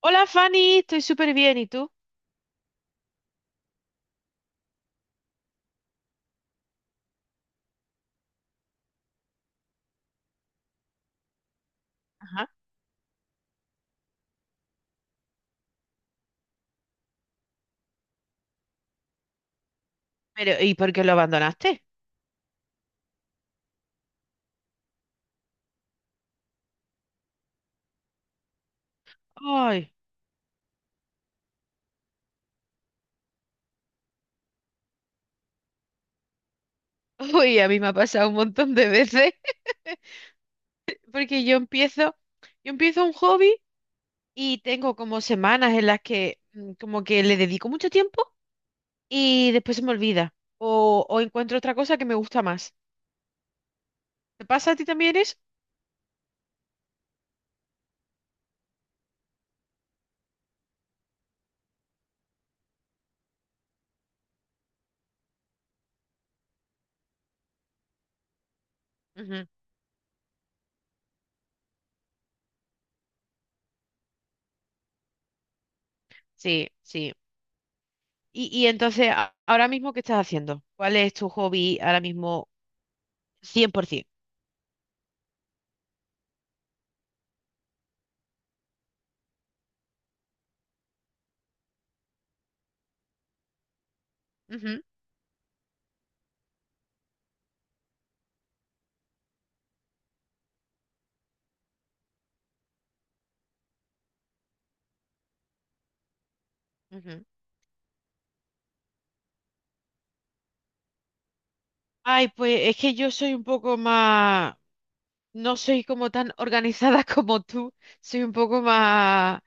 Hola Fanny, estoy súper bien. ¿Y tú? Ajá. Pero, ¿y por qué lo abandonaste? Ay, uy, a mí me ha pasado un montón de veces. Porque yo empiezo un hobby y tengo como semanas en las que como que le dedico mucho tiempo y después se me olvida. O encuentro otra cosa que me gusta más. ¿Te pasa a ti también eso? Ujú. Sí, sí. Y entonces, ahora mismo, ¿qué estás haciendo? ¿Cuál es tu hobby ahora mismo 100%? Ujú, ujú. Ay, pues es que yo soy un poco más, no soy como tan organizada como tú, soy un poco más...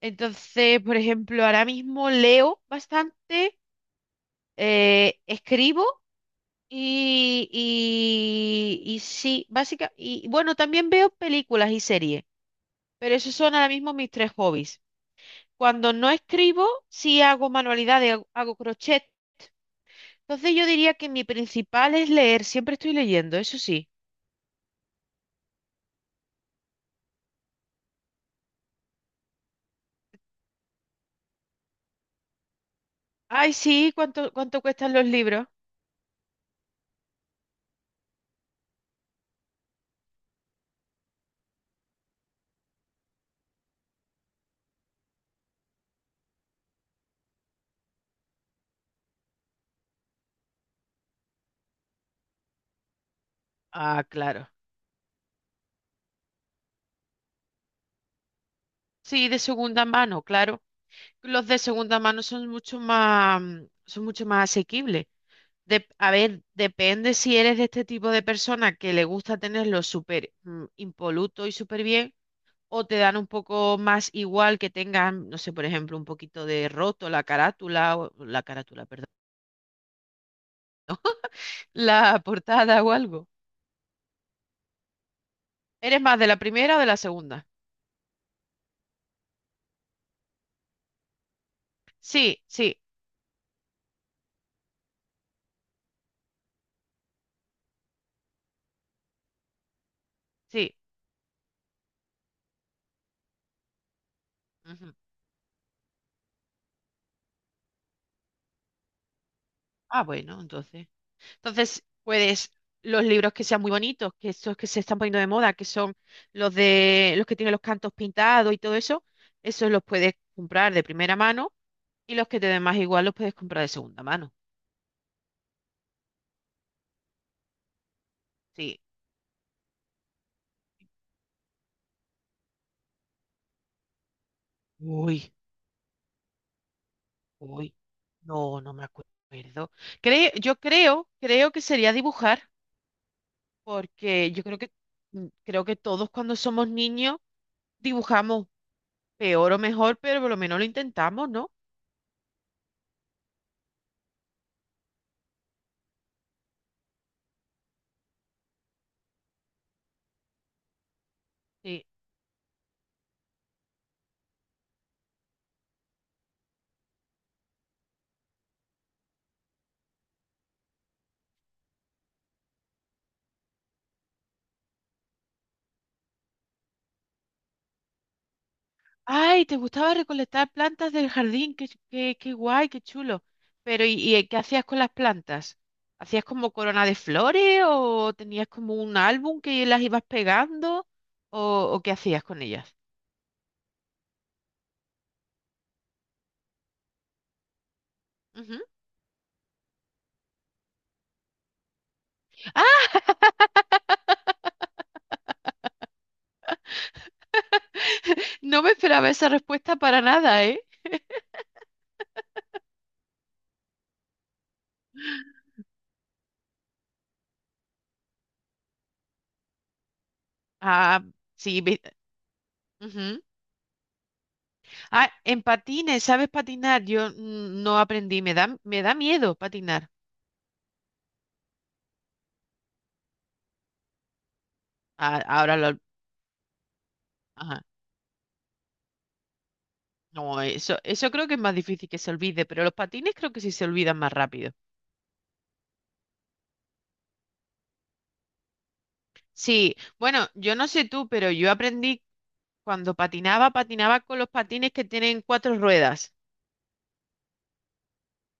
Entonces, por ejemplo, ahora mismo leo bastante, escribo y sí, básicamente, y bueno, también veo películas y series, pero esos son ahora mismo mis tres hobbies. Cuando no escribo, sí hago manualidades, hago crochet. Entonces yo diría que mi principal es leer, siempre estoy leyendo, eso sí. Ay, sí, ¿cuánto cuestan los libros? Ah, claro. Sí, de segunda mano, claro. Los de segunda mano son mucho más, son mucho más asequibles. A ver, depende si eres de este tipo de persona que le gusta tenerlo súper impoluto y súper bien, o te dan un poco más igual que tengan, no sé, por ejemplo, un poquito de roto la carátula, o, la carátula, perdón, la portada o algo. ¿Eres más de la primera o de la segunda? Sí, sí, sí. Ujú. Ah, bueno, entonces. Entonces, puedes los libros que sean muy bonitos, que esos que se están poniendo de moda, que son los de los que tienen los cantos pintados y todo eso, esos los puedes comprar de primera mano y los que te den más igual los puedes comprar de segunda mano. Sí. Uy, uy. No, no me acuerdo. Creo que sería dibujar, porque yo creo que creo que todos cuando somos niños dibujamos peor o mejor, pero por lo menos lo intentamos, ¿no? Ay, te gustaba recolectar plantas del jardín, qué, qué, qué guay, qué chulo. Pero, ¿y qué hacías con las plantas? ¿Hacías como corona de flores o tenías como un álbum que las ibas pegando o, o qué hacías con ellas? Ujú. ¡Ah! No me esperaba esa respuesta para nada, ¿eh? Ah, sí. Ujú. Ah, en patines, ¿sabes patinar? Yo no aprendí, me da miedo patinar. Ah, ahora lo... Ajá. No, eso creo que es más difícil que se olvide, pero los patines creo que sí se olvidan más rápido. Sí, bueno, yo no sé tú, pero yo aprendí cuando patinaba, patinaba con los patines que tienen cuatro ruedas,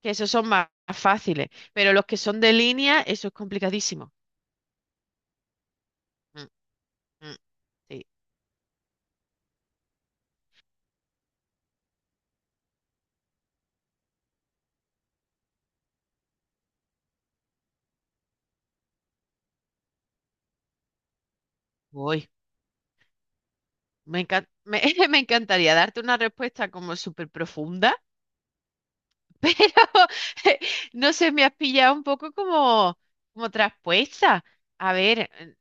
que esos son más, fáciles, pero los que son de línea, eso es complicadísimo. Mm, mm, sí, voy. Me encan- me, me encantaría darte una respuesta como súper profunda, pero no sé, me has pillado un poco como, como traspuesta. A ver, eh,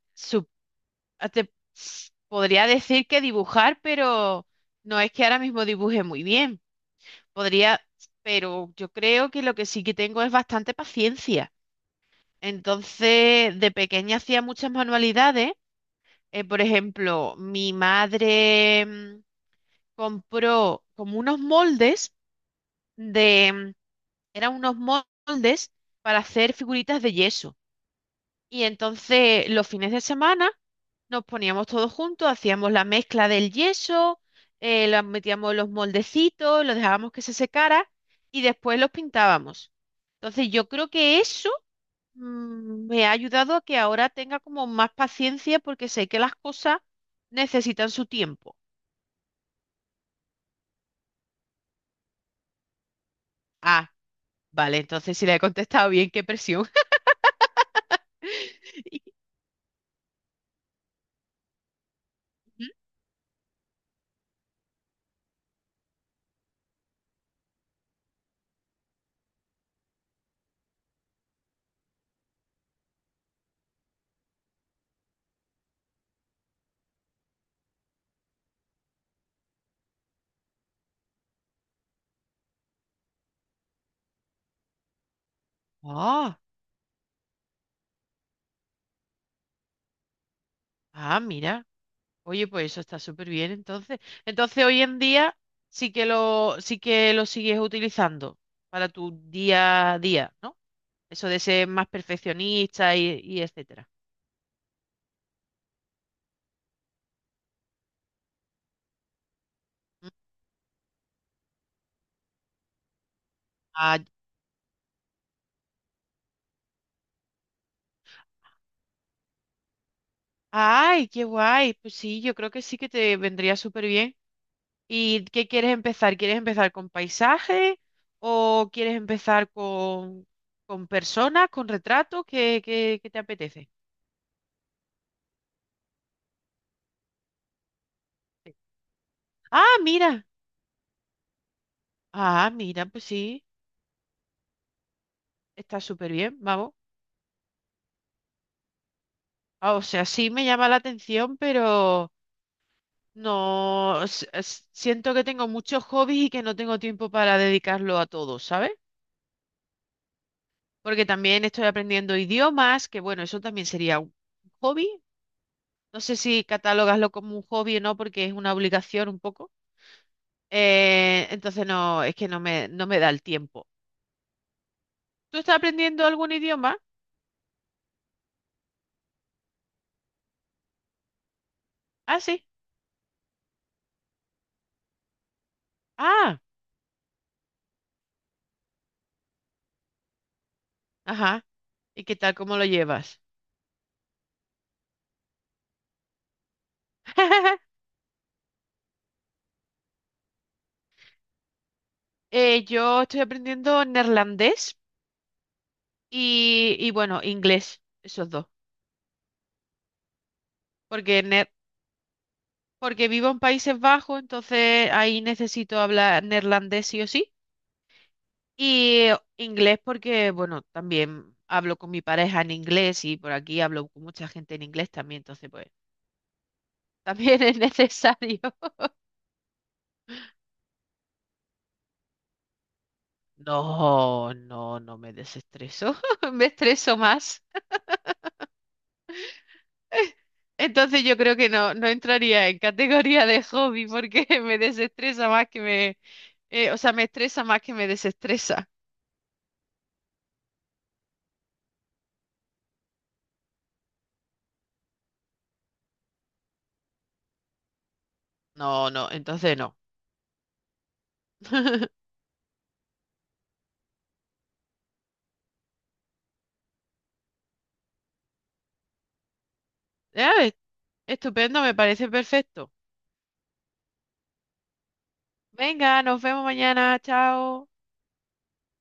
Ah, te podría decir que dibujar, pero no es que ahora mismo dibuje muy bien. Podría, pero yo creo que lo que sí que tengo es bastante paciencia. Entonces, de pequeña hacía muchas manualidades. Por ejemplo, mi madre compró como unos moldes de, eran unos moldes para hacer figuritas de yeso. Y entonces, los fines de semana nos poníamos todos juntos, hacíamos la mezcla del yeso, la metíamos en los moldecitos, lo dejábamos que se secara y después los pintábamos. Entonces yo creo que eso me ha ayudado a que ahora tenga como más paciencia porque sé que las cosas necesitan su tiempo. Ah, vale, entonces si le he contestado bien, qué presión. Ujú. Ah, ah, mira. Oye, pues eso está súper bien entonces. Entonces hoy en día sí que lo sigues utilizando para tu día a día, ¿no? Eso de ser más perfeccionista y etcétera. Mm. Ah, ay, qué guay. Pues sí, yo creo que sí que te vendría súper bien. ¿Y qué quieres empezar? ¿Quieres empezar con paisaje o quieres empezar con personas, con retratos? ¿ Qué te apetece? Sí. Ah, mira. Ah, mira, pues sí, está súper bien, vamos. Ah, o sea, sí me llama la atención, pero no s- s- siento que tengo muchos hobbies y que no tengo tiempo para dedicarlo a todos, ¿sabes? Porque también estoy aprendiendo idiomas, que bueno, eso también sería un hobby. No sé si catalogaslo como un hobby o no, porque es una obligación un poco. Entonces no, es que no me da el tiempo. ¿Tú estás aprendiendo algún idioma? Ah, sí. Ah, ajá. ¿Y qué tal? ¿Cómo lo llevas? Yo estoy aprendiendo neerlandés. Y bueno, inglés, esos dos. Porque, porque vivo en Países Bajos, entonces ahí necesito hablar neerlandés sí o sí. Y inglés porque, bueno, también hablo con mi pareja en inglés y por aquí hablo con mucha gente en inglés también, entonces pues también es necesario. No, no, no me desestreso, me estreso más. Entonces yo creo que no, no entraría en categoría de hobby porque me desestresa más que me, eh, o sea, me estresa más que me desestresa. No, no, entonces no. Ya, es- Estupendo, me parece perfecto. Venga, nos vemos mañana, chao.